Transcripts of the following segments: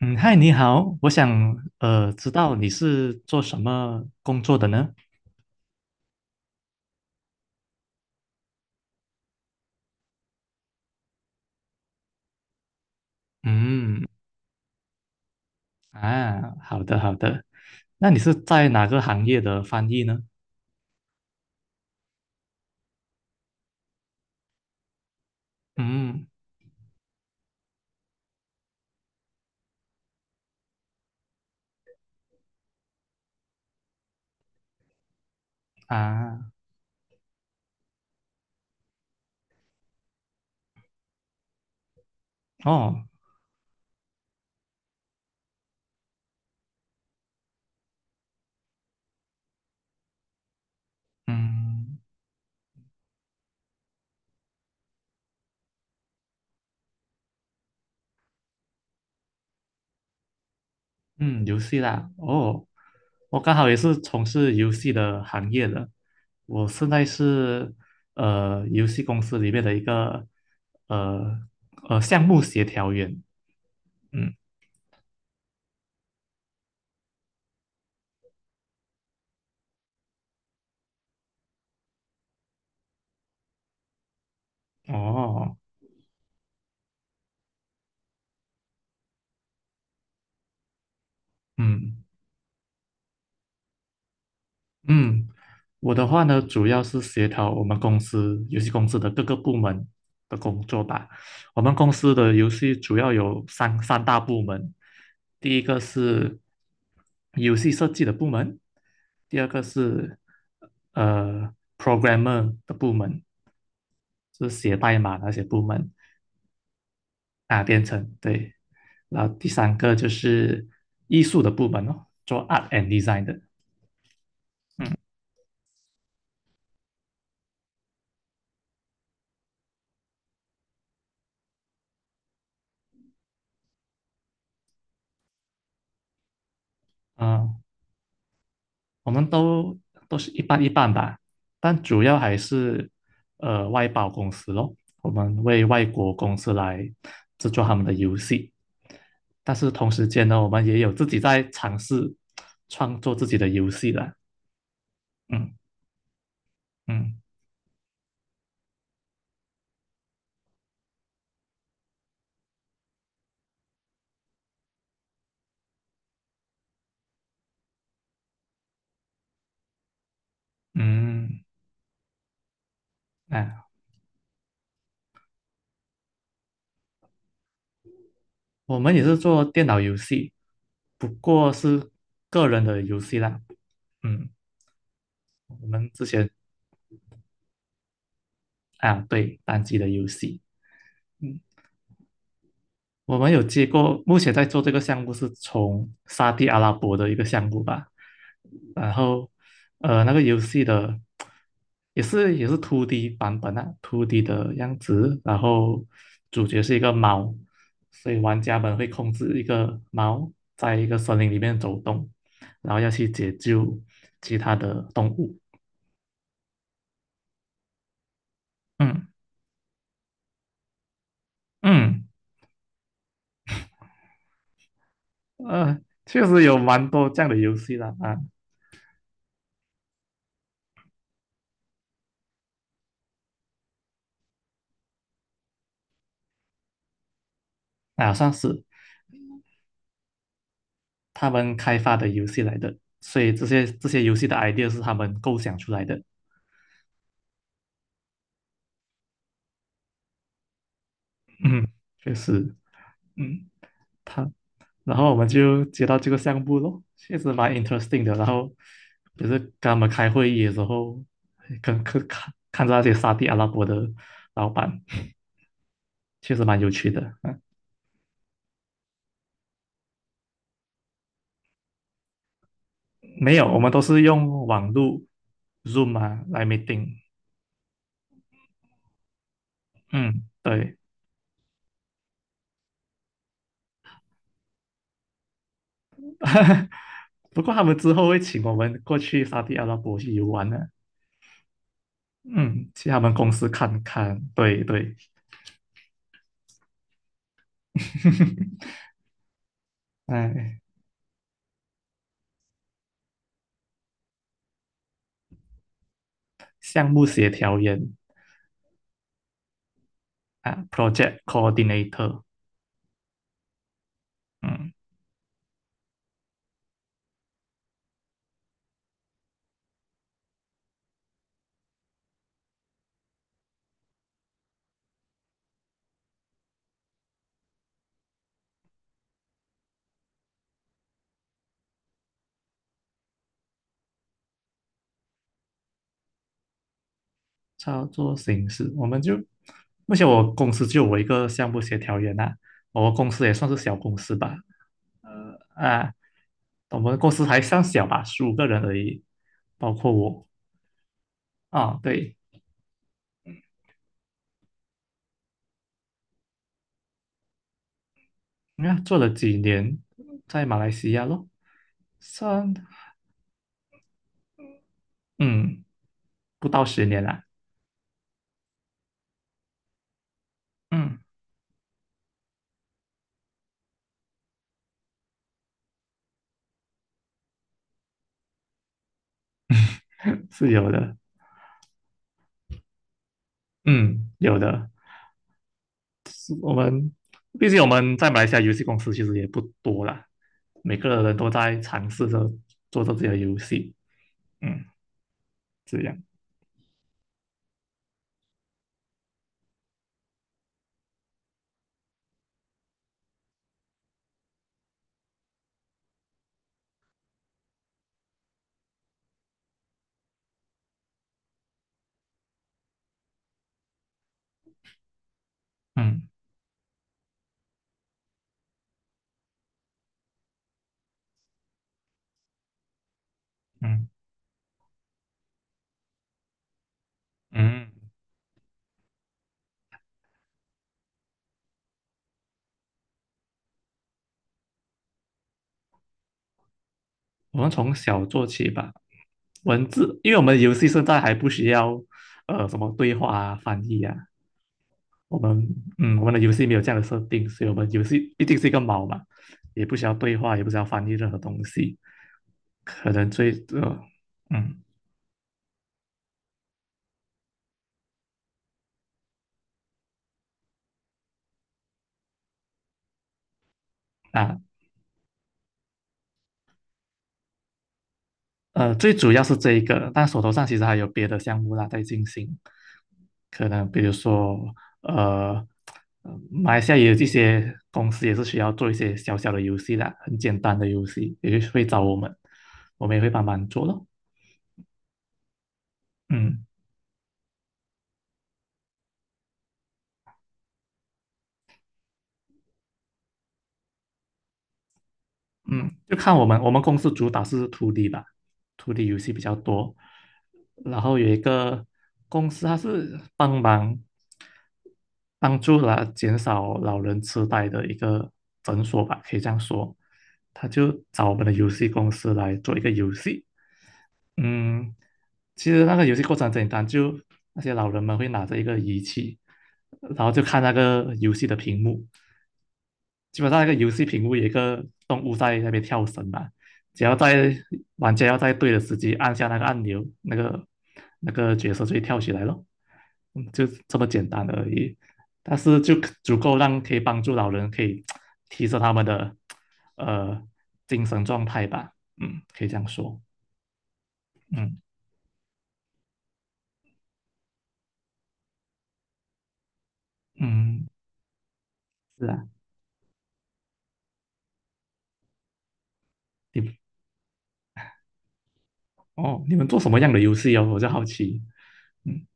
嗯，嗨，你好，我想知道你是做什么工作的呢？嗯，啊，好的好的，那你是在哪个行业的翻译呢？嗯，啊，哦，嗯嗯，游戏啦，哦，我刚好也是从事游戏的行业的，我现在是游戏公司里面的一个呃项目协调员，嗯，哦，嗯。嗯。我的话呢，主要是协调我们公司游戏公司的各个部门的工作吧。我们公司的游戏主要有三大部门，第一个是游戏设计的部门，第二个是programmer 的部门，就是写代码那些部门啊，编程对。然后第三个就是艺术的部门哦，做 art and design 的，嗯啊。我们都是一半一半吧，但主要还是外包公司咯，我们为外国公司来制作他们的游戏。但是同时间呢，我们也有自己在尝试创作自己的游戏啦。嗯嗯嗯，哎，我们也是做电脑游戏，不过是个人的游戏啦。嗯，我们之前啊，对，单机的游戏。嗯我们有接过，目前在做这个项目是从沙地阿拉伯的一个项目吧，然后那个游戏的也是 2D 版本啊，2D 的样子，然后主角是一个猫，所以玩家们会控制一个猫在一个森林里面走动，然后要去解救其他的动物。嗯嗯，呃，确实有蛮多这样的游戏的啊啊，算是。他们开发的游戏来的，所以这些游戏的 idea 是他们构想出来的。嗯，确实，嗯，他，然后我们就接到这个项目咯，确实蛮 interesting 的。然后也是跟他们开会议的时候，跟看看看着那些沙地阿拉伯的老板，确实蛮有趣的。嗯，没有，我们都是用网络 Zoom 啊来 meeting。嗯，对。不过他们之后会请我们过去沙地阿拉伯去游玩的。嗯，去他们公司看看，对对，哎，项目协调员啊，project coordinator,嗯，操作形式，我们就，目前我公司就我一个项目协调员啊，我们公司也算是小公司吧，啊，我们公司还算小吧，十五个人而已，包括我啊，对，你看做了几年，在马来西亚咯，算，嗯，不到十年啦，嗯，是有的，嗯，有的。我们毕竟我们在马来西亚游戏公司其实也不多啦，每个人都在尝试着做着自己的游戏，嗯，这样，嗯嗯嗯，我们从小做起吧。文字，因为我们游戏现在还不需要什么对话啊、翻译啊，我们嗯我们的游戏没有这样的设定，所以我们游戏一定是一个猫嘛，也不需要对话，也不需要翻译任何东西，可能最嗯啊最主要是这一个，但手头上其实还有别的项目啦在进行，可能比如说呃，马来西亚也有一些公司也是需要做一些小小的游戏啦，很简单的游戏，也就会找我们，我们也会帮忙做咯。嗯。嗯，就看我们公司主打是 2D 吧，2D 游戏比较多。然后有一个公司，它是帮助啦减少老人痴呆的一个诊所吧，可以这样说。他就找我们的游戏公司来做一个游戏。嗯，其实那个游戏过程很简单，就那些老人们会拿着一个仪器，然后就看那个游戏的屏幕，基本上那个游戏屏幕有一个动物在那边跳绳嘛，只要在玩家要在对的时机按下那个按钮，那个角色就会跳起来咯。嗯就这么简单而已。但是就足够让可以帮助老人可以提升他们的呃精神状态吧。嗯，可以这样说。嗯嗯，是啊，你哦，你们做什么样的游戏哦？我就好奇。嗯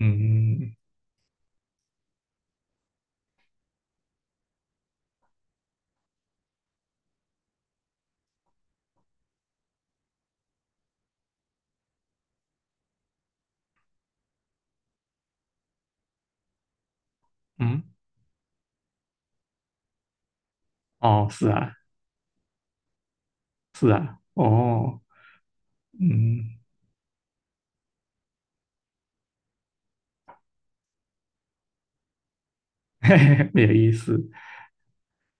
嗯嗯，嗯哦，是啊，哦，嗯。嘿嘿，没有意思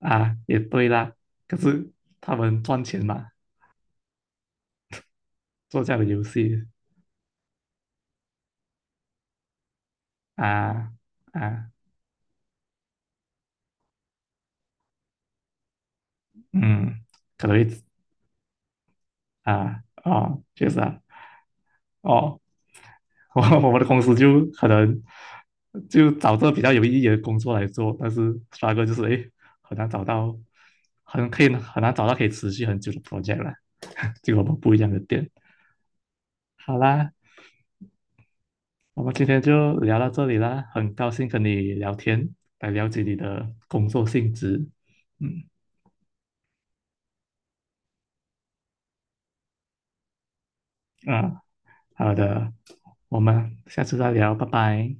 啊，也对啦。可是他们赚钱嘛，做这样的游戏啊啊，嗯，可能会啊哦，确实啊，哦，我我们的公司就可能就找这比较有意义的工作来做，但是刷 t 就是诶，很难找到，很可以很难找到可以持续很久的 project 啦，这个我们不一样的点。好啦，我们今天就聊到这里啦，很高兴跟你聊天，来了解你的工作性质。嗯啊，好的，我们下次再聊，拜拜。